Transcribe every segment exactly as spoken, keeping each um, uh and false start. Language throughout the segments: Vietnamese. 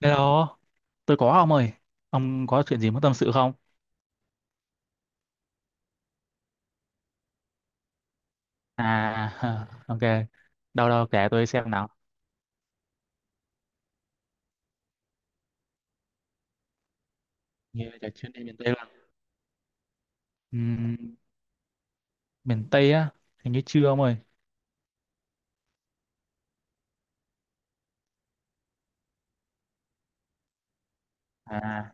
Hello, tôi có ông ơi. Ông có chuyện gì muốn tâm sự không? À, hờ, ok. Đâu đâu kể tôi xem nào. Như là chuyến đi miền Tây luôn. Ừm, miền Tây á, hình như chưa ông ơi. À,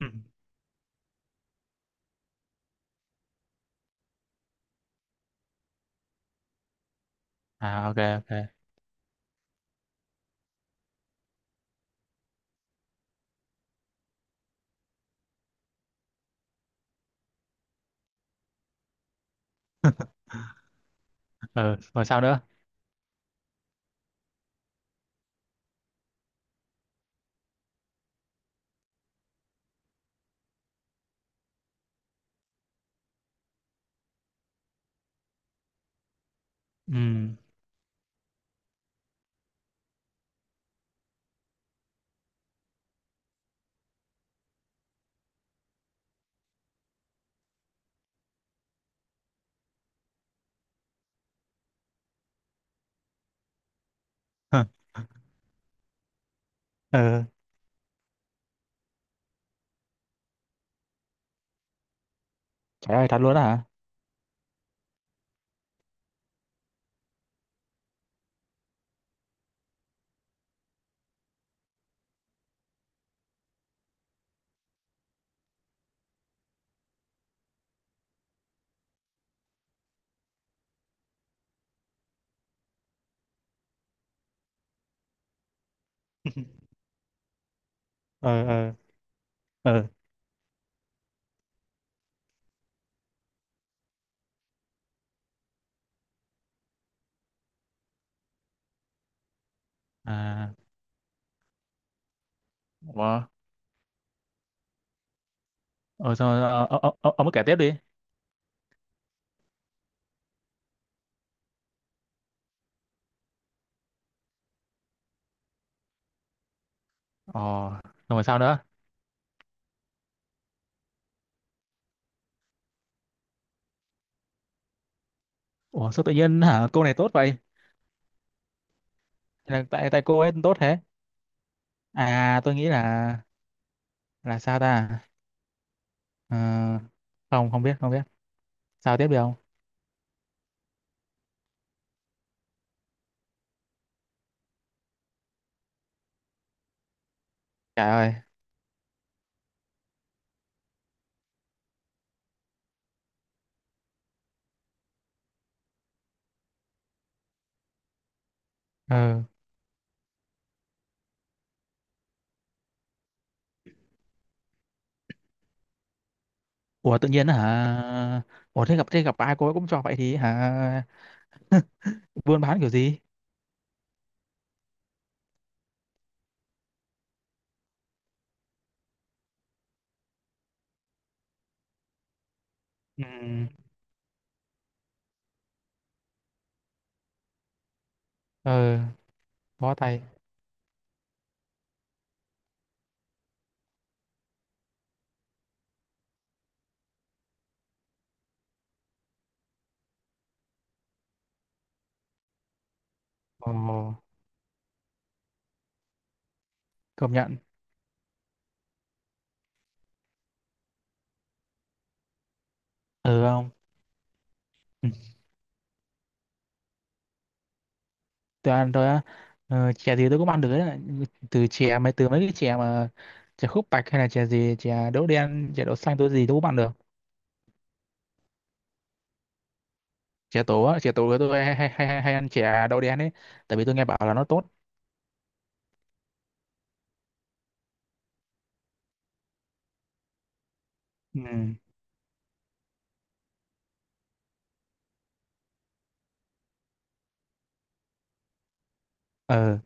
ừ. À, ok ok. Ừ, rồi sao nữa? Ừm, hờ, ừ. Trời ơi, thật luôn á hả? Ờ, ờ, ừ. À, ủa, ừ, xong rồi, ờ, ờ, ờ, ông cứ kể tiếp đi. Ờ, xong rồi sao nữa? Ủa, sao tự nhiên hả? Cô này tốt vậy? Là tại tại cô ấy tốt thế? À, tôi nghĩ là là sao ta. Ờ, không không biết không biết sao tiếp được không. Trời ơi. Ờ. Ủa tự nhiên hả? Ủa, thế gặp thế gặp ai cô ấy cũng cho vậy thì hả? Buôn bán kiểu gì? Ừ. Ờ. Bó tay. Ồ, công nhận. Ừ không. Ừ. Tôi ăn tôi á. Ờ, chè gì tôi cũng ăn được đấy. từ chè mấy từ mấy cái chè mà chè khúc bạch hay là chè gì, chè đậu đen, chè đậu xanh, tôi gì tôi cũng ăn được. Chè tổ á, chè tổ tôi hay hay hay, hay ăn chè đậu đen ấy. Tại vì tôi nghe bảo là nó tốt. Ừ. Ờ.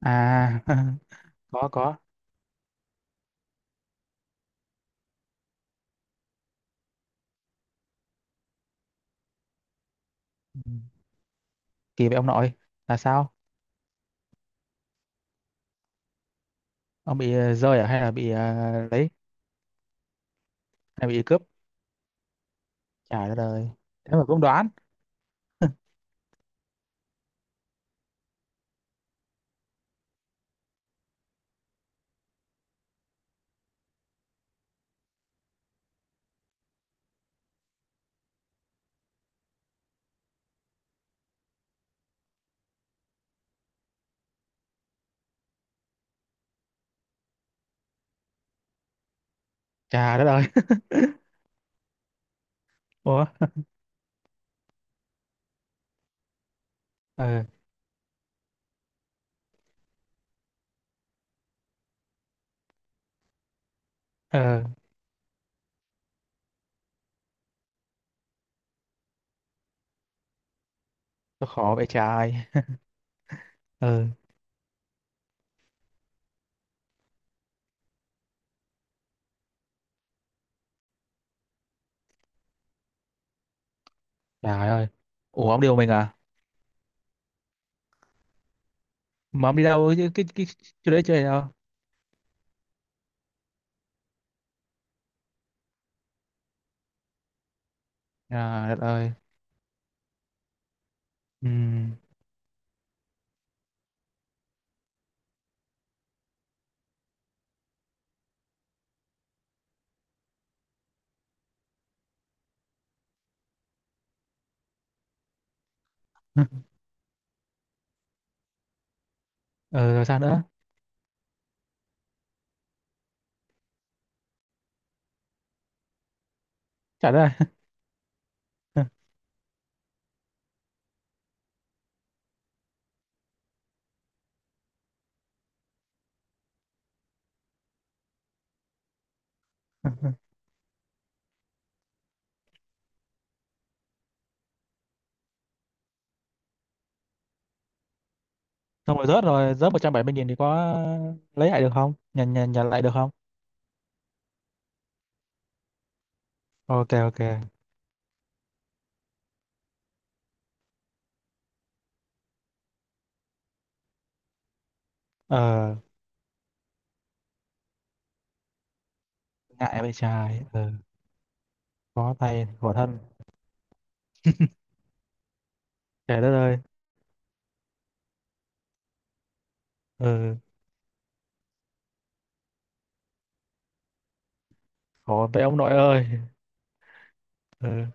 À. Có, có. Ừ. Kỳ vậy ông nội, là sao? Ông bị, ờ, rơi à, hay là bị, ờ, lấy hay bị cướp? Trời đất ơi. Thế mà cũng đoán. Trời đất ơi. Ủa. Ờ, ờ. Nó khó vậy trời. Ừ. Trời ơi. Ủa ông đi một mình à? Mà ông đi đâu chứ, cái cái chỗ đấy chơi đâu? Trời đất ơi. Ừ. Ừ, rồi sao nữa? Trời đất ơi. Xong rồi rớt rồi, rớt một trăm bảy mươi nghìn thì có lấy lại được không? Nhận nhận nhận lại được không? Ok ok. Ờ, ngại vậy trời. Ờ. Có tay, khổ thân. Trời đất ơi. Ừ, khổ vậy ông nội ơi. Ừ.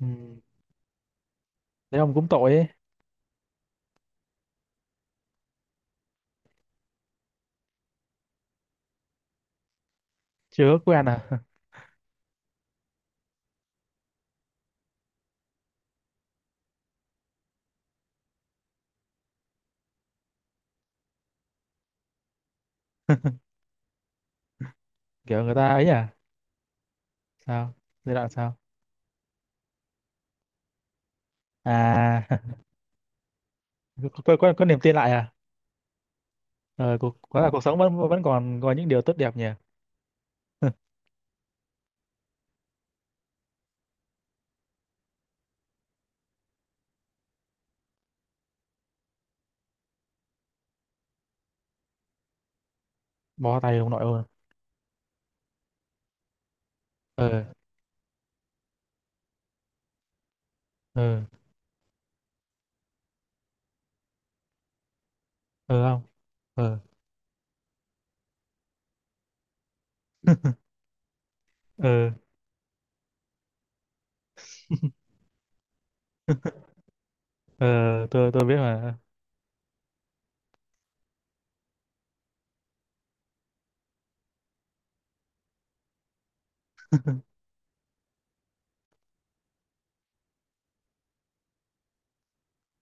Ừ. Thế ông cũng tội ấy. Chưa ước quen à? Kiểu người ta ấy à? Sao? Giai đoạn sao? À, có, có, có niềm tin lại à? Ờ, cuộc, có là cuộc sống vẫn vẫn còn có những điều tốt đẹp nhỉ? Bó tay ông nội ơi. Ờ, ờ, ờ không? Ờ, ờ, ờ, tôi tôi biết mà.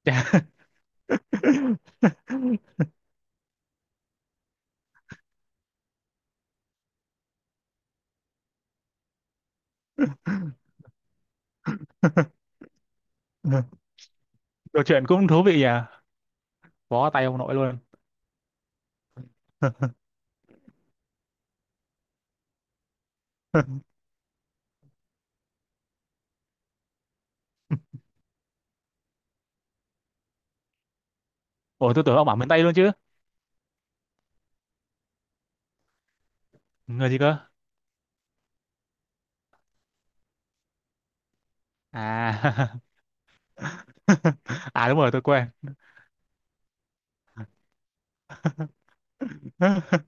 Chà. Đồ chuyện cũng thú vị nhỉ? Bó tay ông nội luôn. Ủa tôi tưởng ông bảo miền Tây luôn chứ. Người gì cơ? À. À đúng rồi, tôi quên.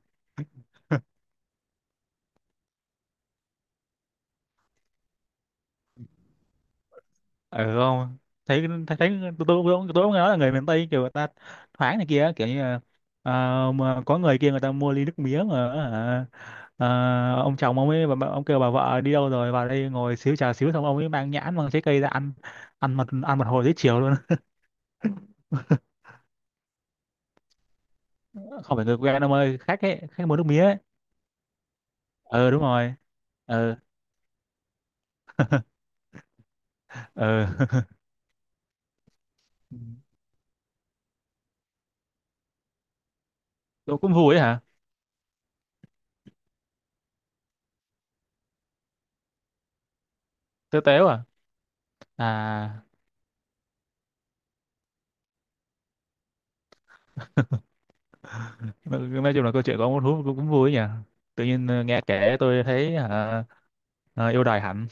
Ừ không. Thấy thấy thấy, tôi tôi tôi tôi cũng nói là người miền Tây kiểu người ta thoáng này kia kiểu như là, ờ, mà có người kia người ta mua ly nước mía mà, hả, ờ, ông chồng ông ấy, bà, bà- ông kêu bà vợ đi đâu rồi vào đây ngồi xíu, trà xíu, xong ông ấy mang nhãn, mang trái cây ra ăn ăn một ăn một hồi tới chiều luôn. Không phải người quen ông ơi, khách ấy, khách mua nước mía ấy. Ừ đúng rồi. Ừ. Ừ. Tôi cũng vui ấy hả. Tôi téo à. À. Mà- nói chung là câu chuyện của ông Út hút cũng, cũng vui nhỉ. Tự nhiên, ờ, nghe kể tôi thấy hả, ờ, yêu đời hẳn.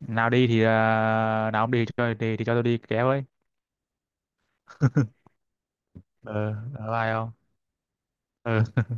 Nào đi thì ờ, nào ông đi cho đi thì cho tôi đi kéo ấy. Ờ, ờ, ai không. Ừ.